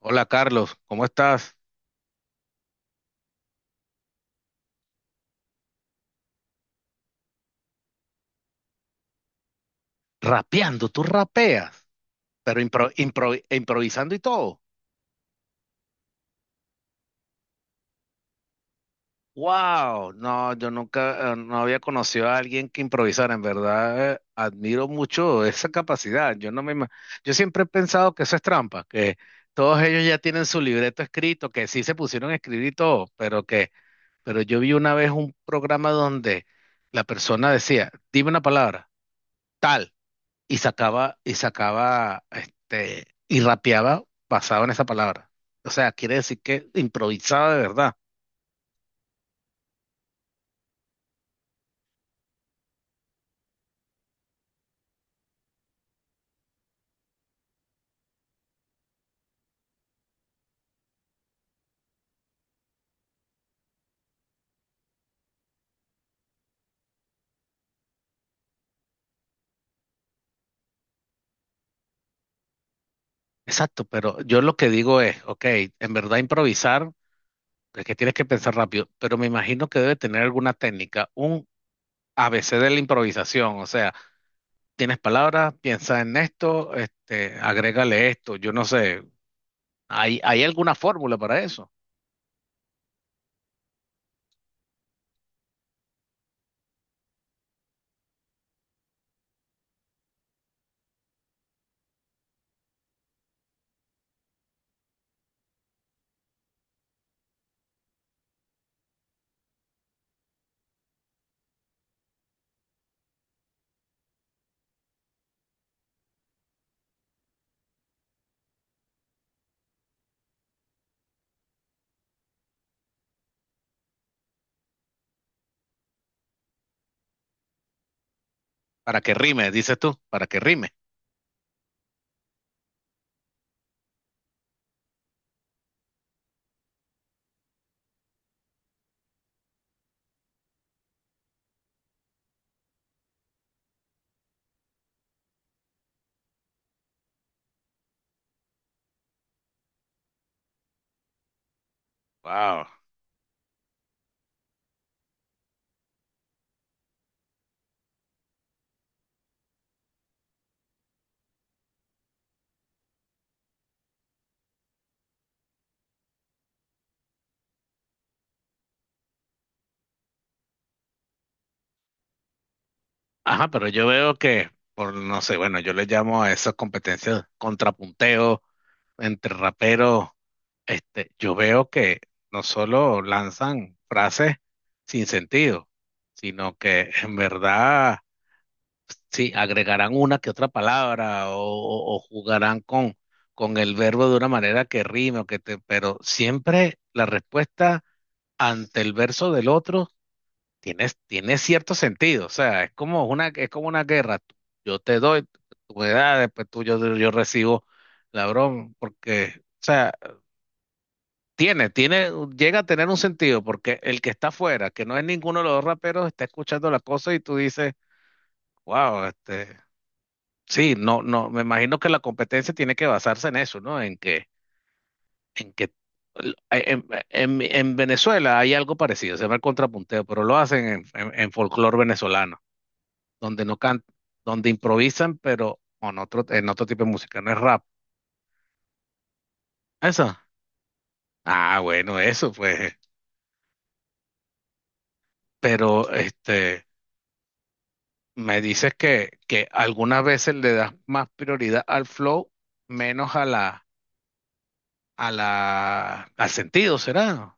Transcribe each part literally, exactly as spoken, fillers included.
Hola, Carlos, ¿cómo estás? Rapeando, tú rapeas, pero impro- impro- e improvisando y todo. ¡Wow! No, yo nunca, eh, no había conocido a alguien que improvisara. En verdad, eh, admiro mucho esa capacidad. Yo no me, ima- Yo siempre he pensado que eso es trampa, que todos ellos ya tienen su libreto escrito, que sí se pusieron a escribir y todo, pero que, pero yo vi una vez un programa donde la persona decía, dime una palabra, tal. y sacaba, y sacaba, este, y rapeaba basado en esa palabra. O sea, quiere decir que improvisaba de verdad. Exacto, pero yo lo que digo es, ok, en verdad improvisar es que tienes que pensar rápido, pero me imagino que debe tener alguna técnica, un A B C de la improvisación, o sea, tienes palabras, piensa en esto, este, agrégale esto, yo no sé, ¿hay, hay alguna fórmula para eso? Para que rime, dices tú, para que rime. Wow. Ajá, pero yo veo que, por no sé, bueno, yo le llamo a esas competencias contrapunteo entre raperos, este, yo veo que no solo lanzan frases sin sentido, sino que en verdad sí agregarán una que otra palabra o, o- o jugarán con, con el verbo de una manera que rime o que te, pero siempre la respuesta ante el verso del otro. Tienes, tiene cierto sentido, o sea, es como una, es como una guerra. tú- Yo te doy, tú me das, después tú, yo, yo recibo la broma, porque, o sea, tiene, tiene, llega a tener un sentido, porque el que está afuera, que no es ninguno de los dos raperos, está escuchando la cosa y tú dices, wow, este, sí, no, no, me imagino que la competencia tiene que basarse en eso, ¿no? En que, en que, en, en- En Venezuela hay algo parecido, se llama el contrapunteo, pero lo hacen en, en, en folclore venezolano. Donde no cantan, donde improvisan, pero con otro, en otro tipo de música, no es rap. ¿Eso? Ah, bueno, eso pues. Pero este, me dices que, que algunas veces le das más prioridad al flow, menos a la, a la, al sentido, ¿será?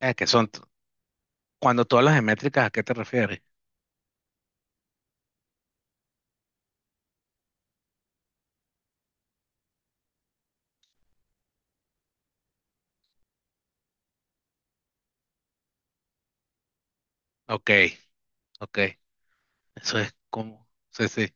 Es que son, t- Cuando todas las métricas, ¿a qué te refieres? Ok, ok. Eso es como, sí, sí.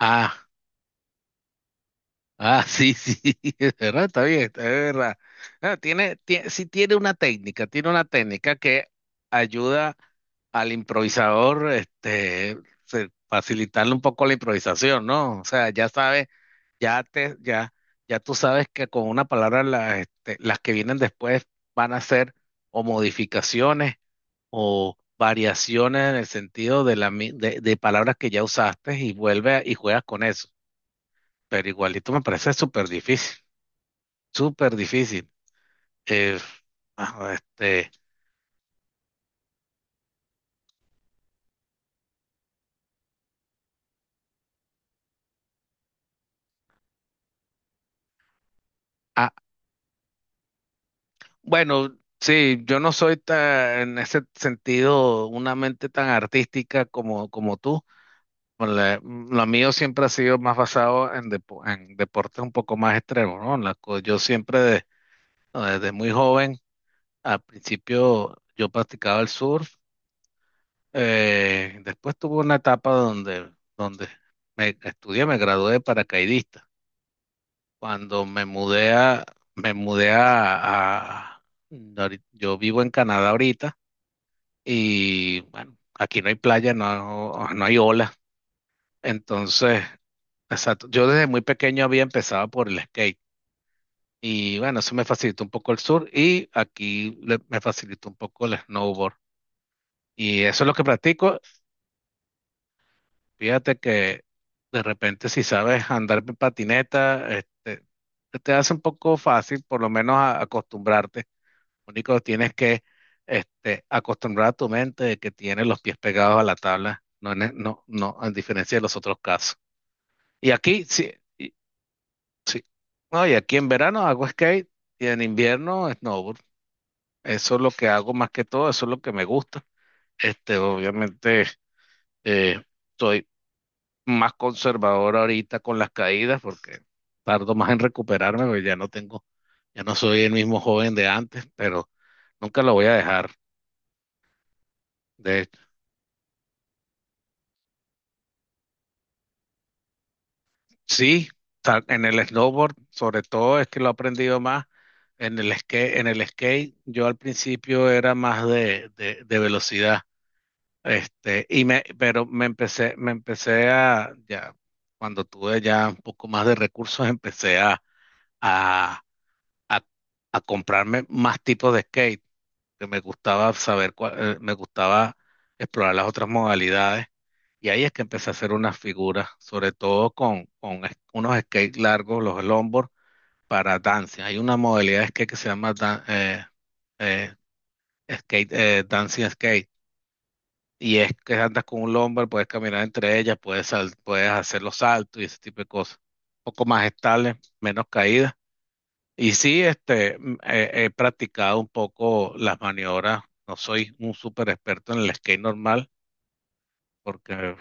Ah. Ah, sí, sí, es verdad, está bien, está- es verdad. Ah, tiene, tie- sí tiene una técnica, tiene una técnica que ayuda al improvisador, este, se- facilitarle un poco la improvisación, ¿no? O sea, ya sabes, ya te, ya, ya tú sabes que con una palabra la- este, las que vienen después van a ser o modificaciones o variaciones en el sentido de la, mi- de, de palabras que ya usaste y vuelve y juegas con eso, pero igualito me parece súper difícil, súper difícil. Eh, ah, este, ah, bueno, sí, yo no soy ta- en ese sentido una mente tan artística como, como tú. Con la- lo mío siempre ha sido más basado en, depo- en deportes un poco más extremos, ¿no? La co- yo siempre de- no, desde muy joven, al principio yo practicaba el surf, eh, después tuve una etapa donde, donde me estudié, me gradué de paracaidista. Cuando me mudé a, me mudé a, a- ahori- yo vivo en Canadá ahorita y bueno, aquí no hay playa, no, no hay ola. Entonces, exacto, yo desde muy pequeño había empezado por el skate y bueno, eso me facilitó un poco el sur y aquí le- me facilitó un poco el snowboard. Y eso es lo que practico. Fíjate que de repente si sabes andar en patineta, este, te hace un poco fácil por lo menos a- acostumbrarte. Único, tienes que este, acostumbrar a tu mente de que tienes los pies pegados a la tabla, no, en- e, no, no, a diferencia de los otros casos. Y aquí, sí, y, no, y aquí en verano hago skate y en invierno snowboard. Eso es lo que hago más que todo, eso es lo que me gusta. Este, obviamente, eh, soy más conservador ahorita con las caídas porque tardo más en recuperarme porque ya no tengo, ya no soy el mismo joven de antes, pero nunca lo voy a dejar. De Sí, ta- en el snowboard, sobre todo, es que lo he aprendido más. En el skate, en el skate, yo al principio era más de, de, de velocidad. Este, y me, pero me empecé, me empecé a, ya, cuando tuve ya un poco más de recursos, empecé a, a, a, a comprarme más tipos de skate, que me gustaba saber cuál- eh, me gustaba explorar las otras modalidades. Y ahí es que empecé a hacer unas figuras, sobre todo con, con es- unos skates largos, los longboard, para dancing. Hay una modalidad de skate que se llama dan- eh, eh, skate, eh, dancing skate. Y es que andas con un longboard, puedes caminar entre ellas, puedes, sal- puedes hacer los saltos y ese tipo de cosas. Un poco más estable, menos caídas y sí, este, mm, he, he practicado un poco las maniobras. No soy un súper experto en el skate normal porque uf,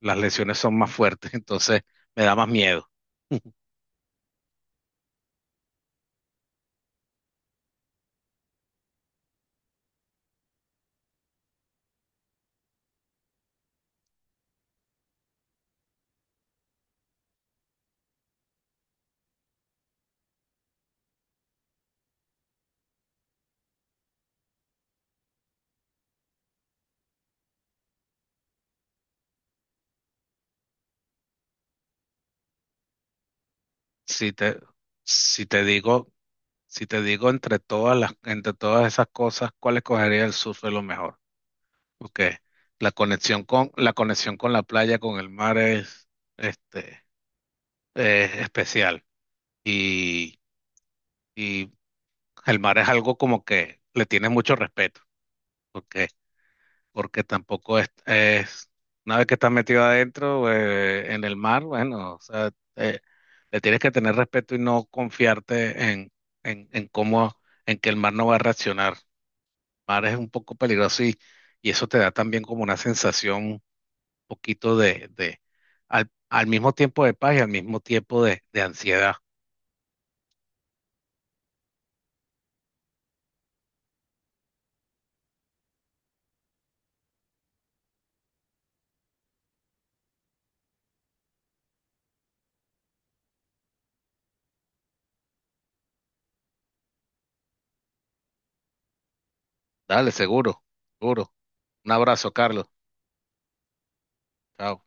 las lesiones son más fuertes, entonces me da más miedo. Si te, si te digo, si te digo entre todas las, entre todas esas cosas, ¿cuál escogería? El surf es lo mejor. Porque la conexión con, la conexión con la playa, con el mar es, este, es especial. Y, y el mar es algo como que le tienes mucho respeto. porque, porque tampoco es, es- una vez que estás metido adentro, eh, en el mar, bueno, o sea, eh, le tienes que tener respeto y no confiarte en, en, en cómo, en que el mar no va a reaccionar. El mar es un poco peligroso y, y eso te da también como una sensación un poquito de, de, al, al mismo tiempo de paz y al mismo tiempo de, de ansiedad. Dale, seguro, seguro. Un abrazo, Carlos. Chao.